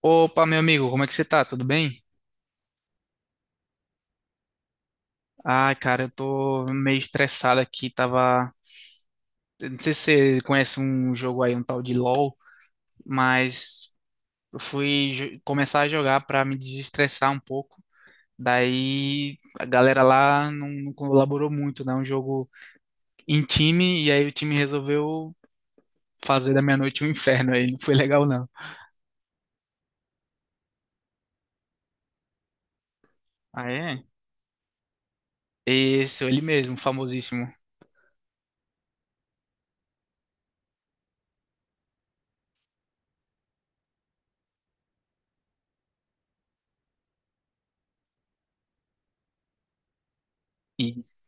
Opa, meu amigo, como é que você tá? Tudo bem? Ai, cara, eu tô meio estressado aqui, tava. Eu não sei se você conhece um jogo aí, um tal de LoL, mas eu começar a jogar pra me desestressar um pouco. Daí a galera lá não colaborou muito, né? Um jogo em time, e aí o time resolveu fazer da minha noite um inferno aí, não foi legal não. Ah, é? Esse, ele mesmo, famosíssimo. Isso,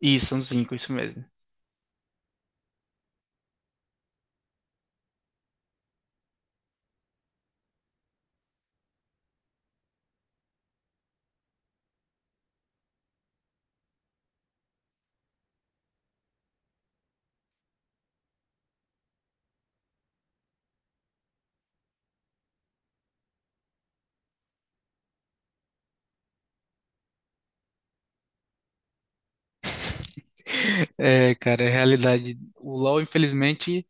isso, são cinco, isso mesmo. É, cara, é realidade. O LoL, infelizmente,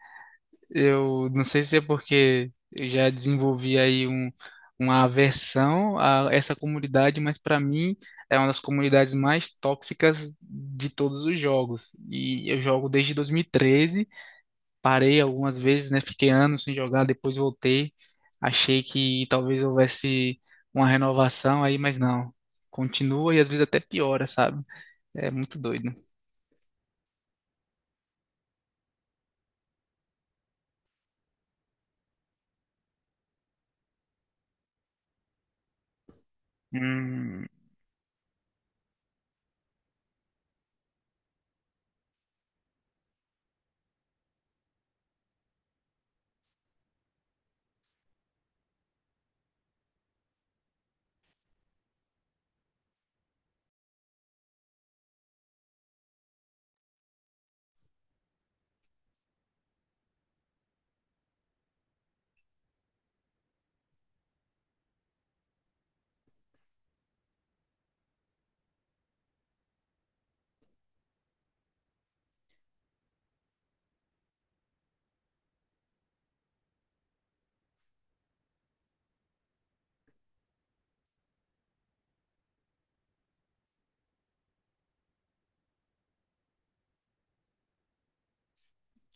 eu não sei se é porque eu já desenvolvi aí uma aversão a essa comunidade, mas pra mim é uma das comunidades mais tóxicas de todos os jogos. E eu jogo desde 2013, parei algumas vezes, né? Fiquei anos sem jogar, depois voltei. Achei que talvez houvesse uma renovação aí, mas não. Continua e às vezes até piora, sabe? É muito doido. Hum,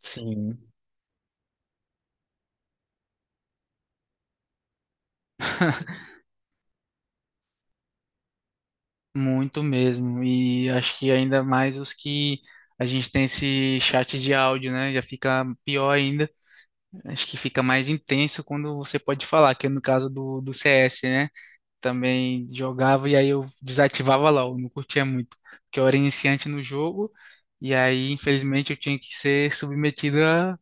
sim. Muito mesmo. E acho que ainda mais os que a gente tem esse chat de áudio, né? Já fica pior ainda. Acho que fica mais intenso quando você pode falar, que é no caso do CS, né? Também jogava e aí eu desativava LOL, não curtia muito, porque eu era iniciante no jogo e aí, infelizmente, eu tinha que ser submetido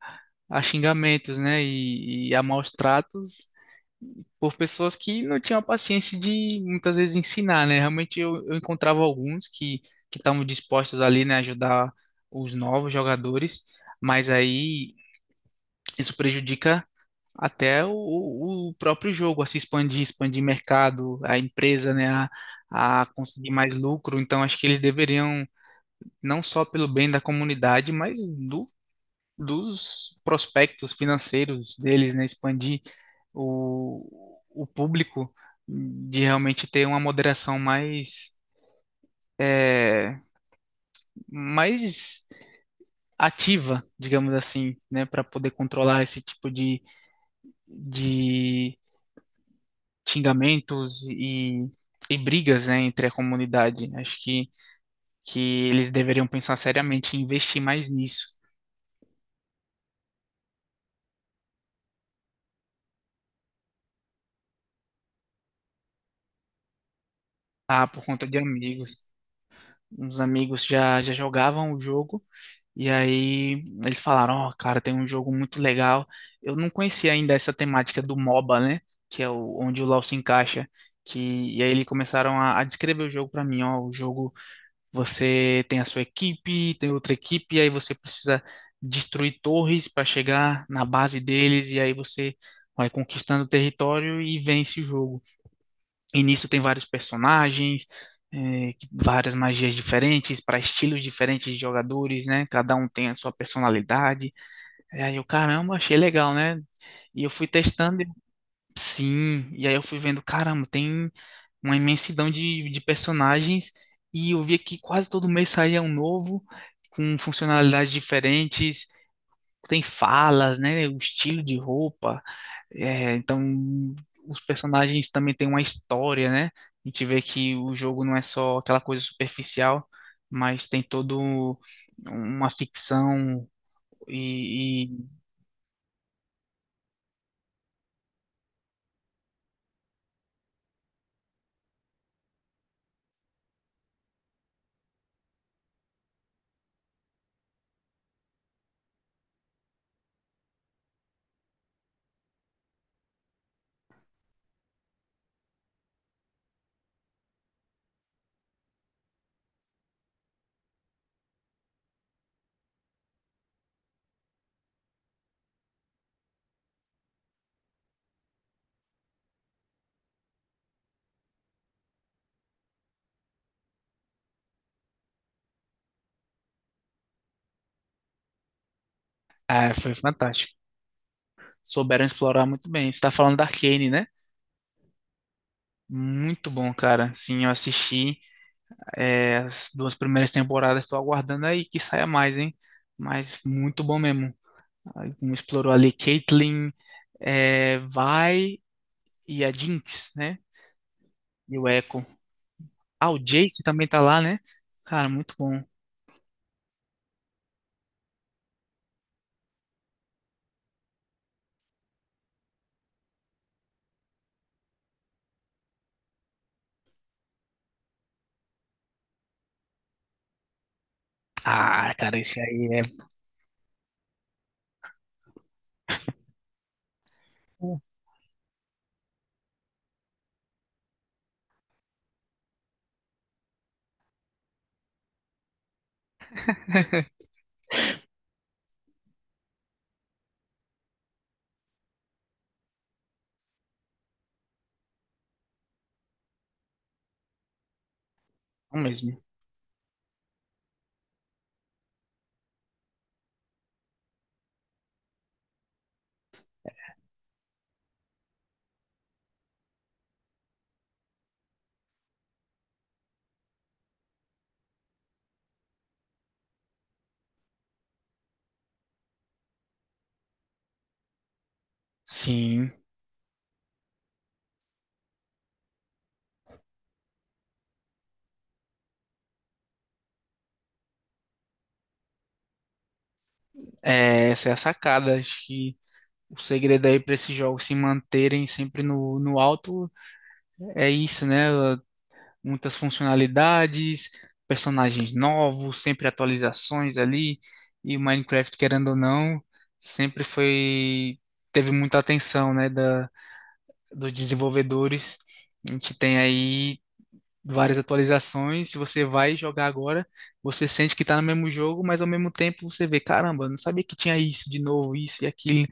a xingamentos, né? E a maus tratos. Por pessoas que não tinham a paciência de muitas vezes ensinar, né? Realmente eu encontrava alguns que estavam dispostos ali, né, a ajudar os novos jogadores, mas aí isso prejudica até o próprio jogo a se expandir, expandir mercado, a empresa, né, a conseguir mais lucro. Então acho que eles deveriam não só pelo bem da comunidade, mas do dos prospectos financeiros deles, né? Expandir o público, de realmente ter uma moderação é, mais ativa, digamos assim, né? Para poder controlar esse tipo de xingamentos e. E brigas, né, entre a comunidade. Acho que eles deveriam pensar seriamente em investir mais nisso. Ah, por conta de amigos. Uns amigos já jogavam o jogo. E aí eles falaram, ó, cara, tem um jogo muito legal. Eu não conhecia ainda essa temática do MOBA, né? Que é o, onde o LoL se encaixa. Que, e aí eles começaram a descrever o jogo pra mim, ó, o jogo você tem a sua equipe, tem outra equipe, e aí você precisa destruir torres pra chegar na base deles, e aí você vai conquistando o território e vence o jogo. E nisso tem vários personagens, é, várias magias diferentes, para estilos diferentes de jogadores, né? Cada um tem a sua personalidade. E aí eu, caramba, achei legal, né? E eu fui Sim. E aí eu fui vendo, caramba, tem uma imensidão de personagens. E eu via que quase todo mês saía um novo, com funcionalidades diferentes. Tem falas, né? O estilo de roupa. É, então os personagens também têm uma história, né? A gente vê que o jogo não é só aquela coisa superficial, mas tem todo uma ficção e, e- ah, foi fantástico. Souberam explorar muito bem. Você está falando da Arcane, né? Muito bom, cara. Sim, eu assisti é, as duas primeiras temporadas. Estou aguardando aí que saia mais, hein? Mas muito bom mesmo. Aí, como explorou ali Caitlyn, é, Vi e a Jinx, né? E o Echo. Ah, o Jace também tá lá, né? Cara, muito bom. Ah, cara, esse aí é bom mesmo. Sim, é, essa é a sacada. Acho que o segredo aí para esses jogos se manterem sempre no alto é isso, né? Muitas funcionalidades, personagens novos, sempre atualizações ali. E o Minecraft, querendo ou não, sempre foi teve muita atenção, né, da, dos desenvolvedores. A gente tem aí várias atualizações. Se você vai jogar agora, você sente que tá no mesmo jogo, mas ao mesmo tempo você vê, caramba, eu não sabia que tinha isso de novo, isso e aquilo.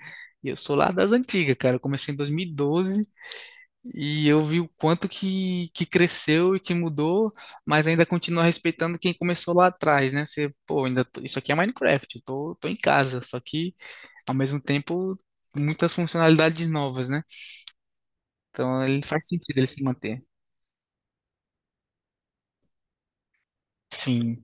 E eu sou lá das antigas, cara. Eu comecei em 2012 e doze e eu vi o quanto que cresceu e que mudou, mas ainda continua respeitando quem começou lá atrás, né? Você, pô, ainda isso aqui é Minecraft, eu tô em casa, só que ao mesmo tempo muitas funcionalidades novas, né? Então ele faz sentido ele se manter. Sim.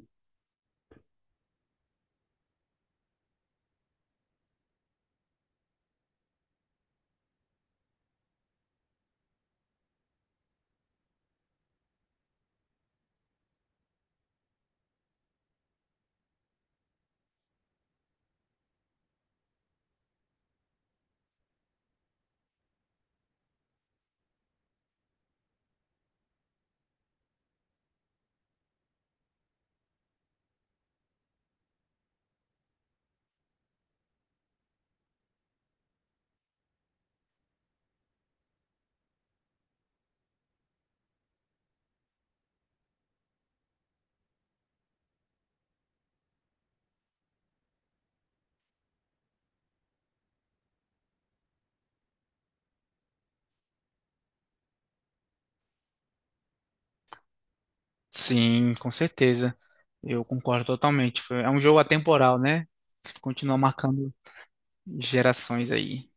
Sim, com certeza. Eu concordo totalmente. É um jogo atemporal, né? Você continua marcando gerações aí.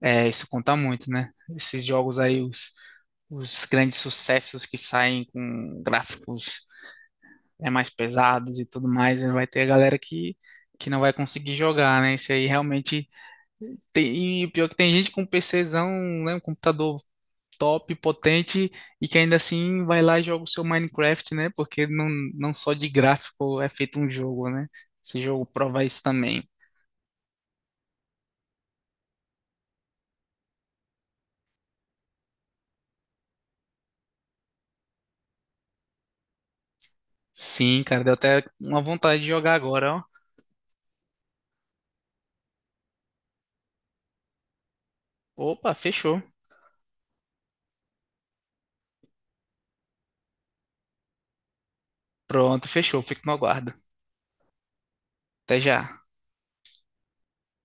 É, isso conta muito, né? Esses jogos aí, os grandes sucessos que saem com gráficos é, mais pesados e tudo mais, né? Vai ter a galera que não vai conseguir jogar, né? Isso aí realmente tem. E o pior é que tem gente com PCzão, né? Um computador top, potente e que ainda assim vai lá e joga o seu Minecraft, né? Porque não, não só de gráfico é feito um jogo, né? Esse jogo prova isso também. Sim, cara, deu até uma vontade de jogar agora, ó. Opa, fechou. Pronto, fechou. Fico no aguardo. Até já.